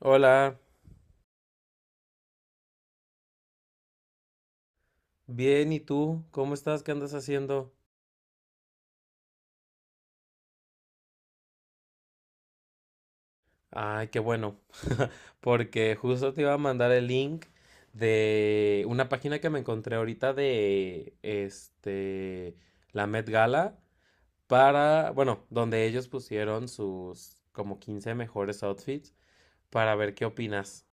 Hola, bien, ¿y tú? ¿Cómo estás? ¿Qué andas haciendo? Ay, qué bueno, porque justo te iba a mandar el link de una página que me encontré ahorita de la Met Gala para, bueno, donde ellos pusieron sus como 15 mejores outfits para ver qué opinas.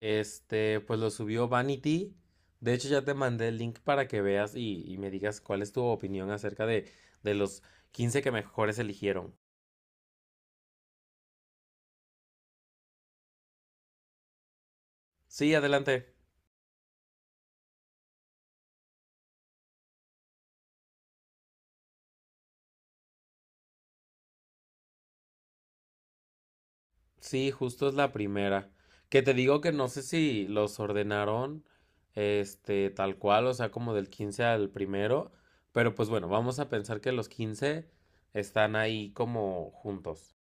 Pues lo subió Vanity. De hecho, ya te mandé el link para que veas y me digas cuál es tu opinión acerca de los 15 que mejores eligieron. Sí, adelante. Sí, justo es la primera. Que te digo que no sé si los ordenaron, tal cual, o sea, como del 15 al primero, pero pues bueno, vamos a pensar que los 15 están ahí como juntos.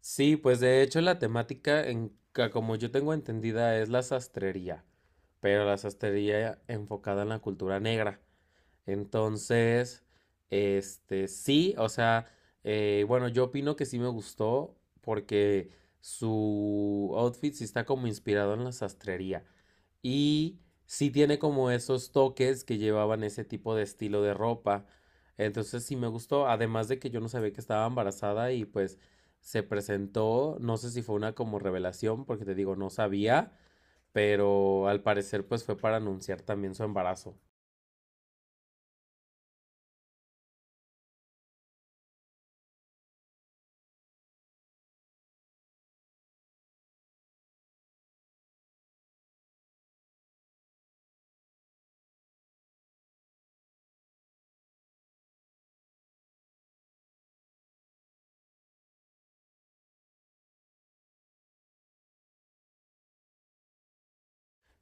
Sí, pues de hecho la temática, como yo tengo entendida, es la sastrería, pero la sastrería enfocada en la cultura negra. Entonces, sí, o sea, bueno, yo opino que sí me gustó porque su outfit sí está como inspirado en la sastrería y sí tiene como esos toques que llevaban ese tipo de estilo de ropa. Entonces sí me gustó, además de que yo no sabía que estaba embarazada y pues se presentó, no sé si fue una como revelación, porque te digo, no sabía, pero al parecer pues fue para anunciar también su embarazo.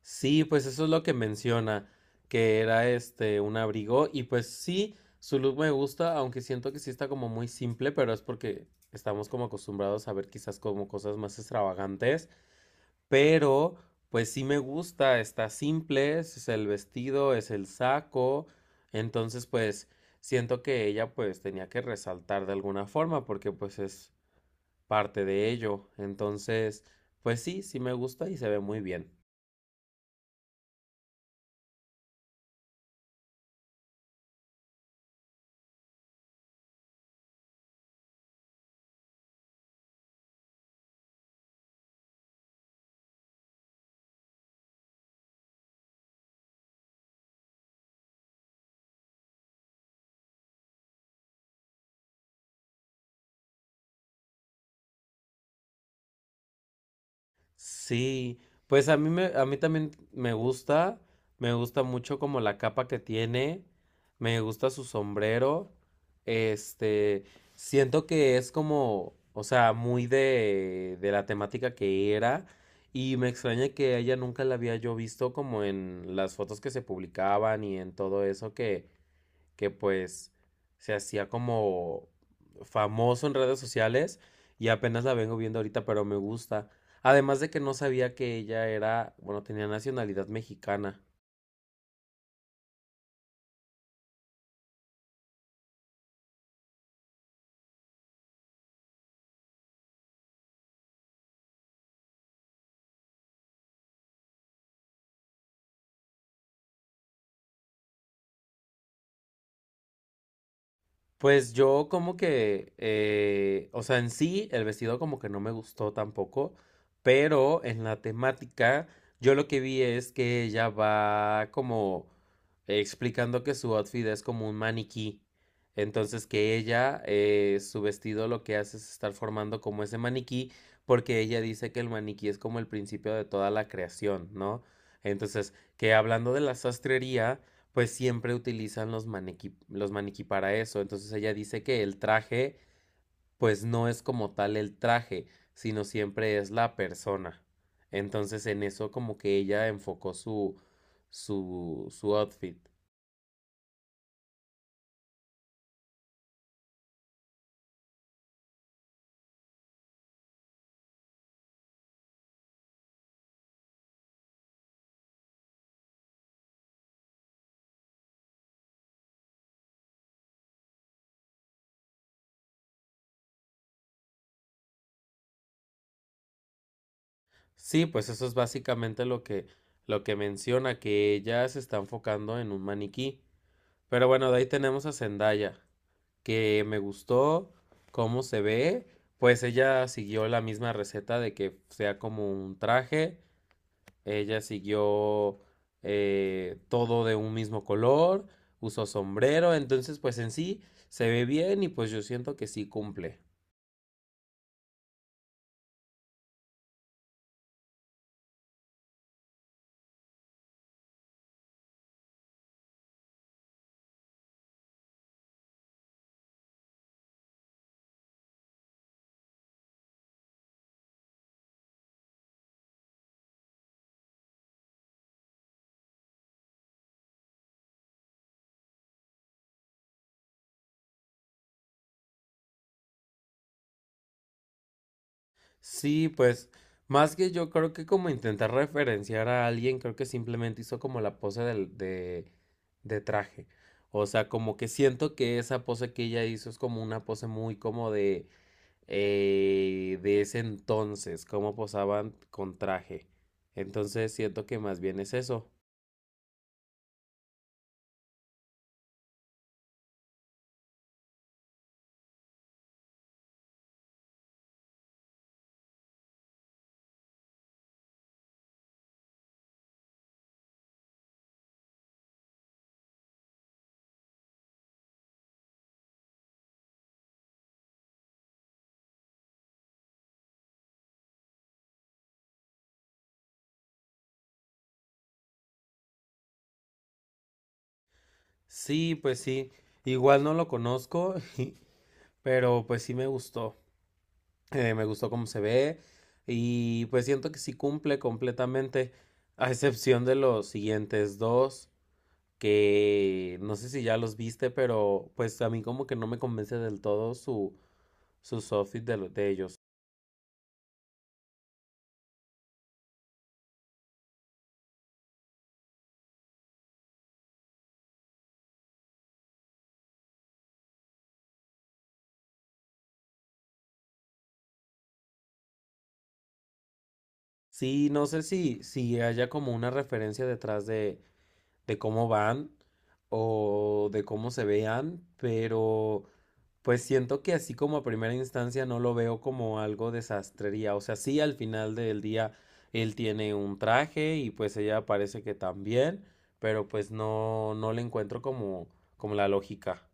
Sí, pues eso es lo que menciona, que era este un abrigo y pues sí, su look me gusta, aunque siento que sí está como muy simple, pero es porque estamos como acostumbrados a ver quizás como cosas más extravagantes, pero pues sí me gusta, está simple, es el vestido, es el saco, entonces pues siento que ella pues tenía que resaltar de alguna forma porque pues es parte de ello, entonces pues sí, sí me gusta y se ve muy bien. Sí, pues a mí también me gusta mucho como la capa que tiene, me gusta su sombrero, este, siento que es como, o sea, muy de la temática que era y me extraña que a ella nunca la había yo visto como en las fotos que se publicaban y en todo eso que pues se hacía como famoso en redes sociales y apenas la vengo viendo ahorita, pero me gusta. Además de que no sabía que ella era, bueno, tenía nacionalidad mexicana. Pues yo como que, o sea, en sí el vestido como que no me gustó tampoco, pero en la temática yo lo que vi es que ella va como explicando que su outfit es como un maniquí, entonces que ella, su vestido lo que hace es estar formando como ese maniquí, porque ella dice que el maniquí es como el principio de toda la creación, ¿no? Entonces, que hablando de la sastrería, pues siempre utilizan los maniquí para eso. Entonces ella dice que el traje, pues no es como tal el traje, sino siempre es la persona. Entonces en eso como que ella enfocó su outfit. Sí, pues eso es básicamente lo que menciona, que ella se está enfocando en un maniquí. Pero bueno, de ahí tenemos a Zendaya, que me gustó cómo se ve. Pues ella siguió la misma receta de que sea como un traje. Ella siguió todo de un mismo color, usó sombrero, entonces pues en sí se ve bien y pues yo siento que sí cumple. Sí, pues más que yo creo que como intentar referenciar a alguien, creo que simplemente hizo como la pose de traje. O sea, como que siento que esa pose que ella hizo es como una pose muy como de ese entonces, como posaban con traje. Entonces siento que más bien es eso. Sí, pues sí, igual no lo conozco, pero pues sí me gustó cómo se ve y pues siento que sí cumple completamente, a excepción de los siguientes dos, que no sé si ya los viste, pero pues a mí como que no me convence del todo sus outfits de ellos. Sí, no sé si haya como una referencia detrás de cómo van o de cómo se vean, pero... Pues siento que así como a primera instancia no lo veo como algo de sastrería. O sea, sí, al final del día él tiene un traje y pues ella parece que también, pero pues no, no le encuentro como la lógica.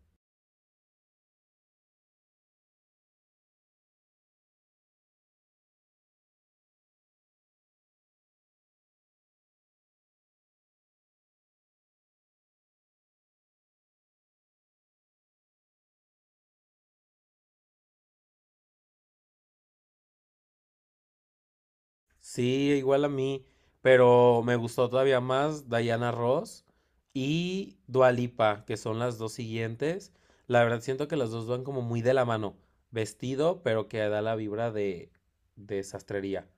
Sí, igual a mí, pero me gustó todavía más Diana Ross y Dua Lipa, que son las dos siguientes. La verdad siento que las dos van como muy de la mano. Vestido, pero que da la vibra de sastrería.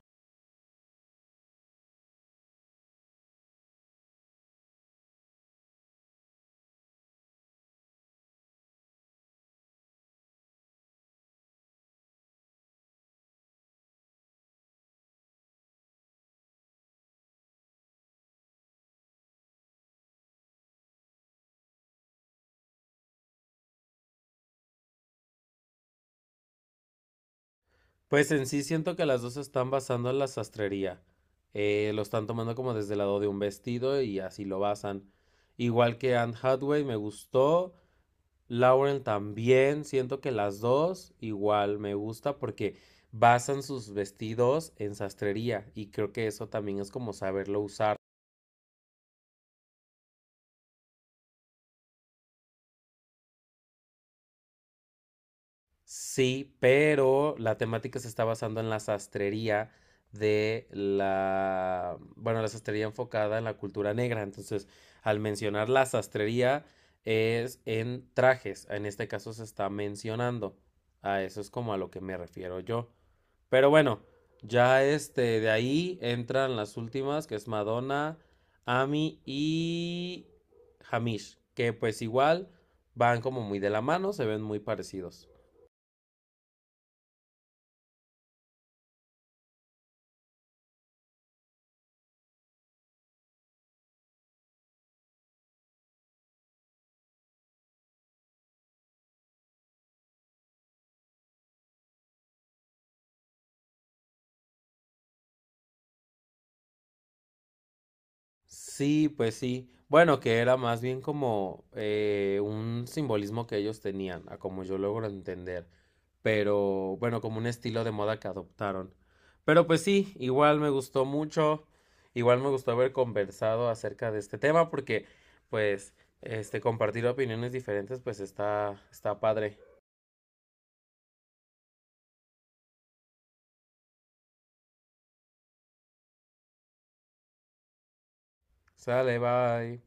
Pues en sí siento que las dos están basando en la sastrería. Lo están tomando como desde el lado de un vestido y así lo basan. Igual que Anne Hathaway me gustó, Lauren también, siento que las dos igual me gusta porque basan sus vestidos en sastrería y creo que eso también es como saberlo usar. Sí, pero la temática se está basando en la sastrería de la, bueno, la sastrería enfocada en la cultura negra. Entonces, al mencionar la sastrería es en trajes. En este caso se está mencionando. A eso es como a lo que me refiero yo. Pero bueno, ya de ahí entran las últimas, que es Madonna, Ami y Hamish, que pues igual van como muy de la mano, se ven muy parecidos. Sí, pues sí. Bueno, que era más bien como un simbolismo que ellos tenían, a como yo logro entender. Pero bueno, como un estilo de moda que adoptaron. Pero pues sí, igual me gustó mucho. Igual me gustó haber conversado acerca de este tema porque, pues, compartir opiniones diferentes, pues está, padre. Sale, bye.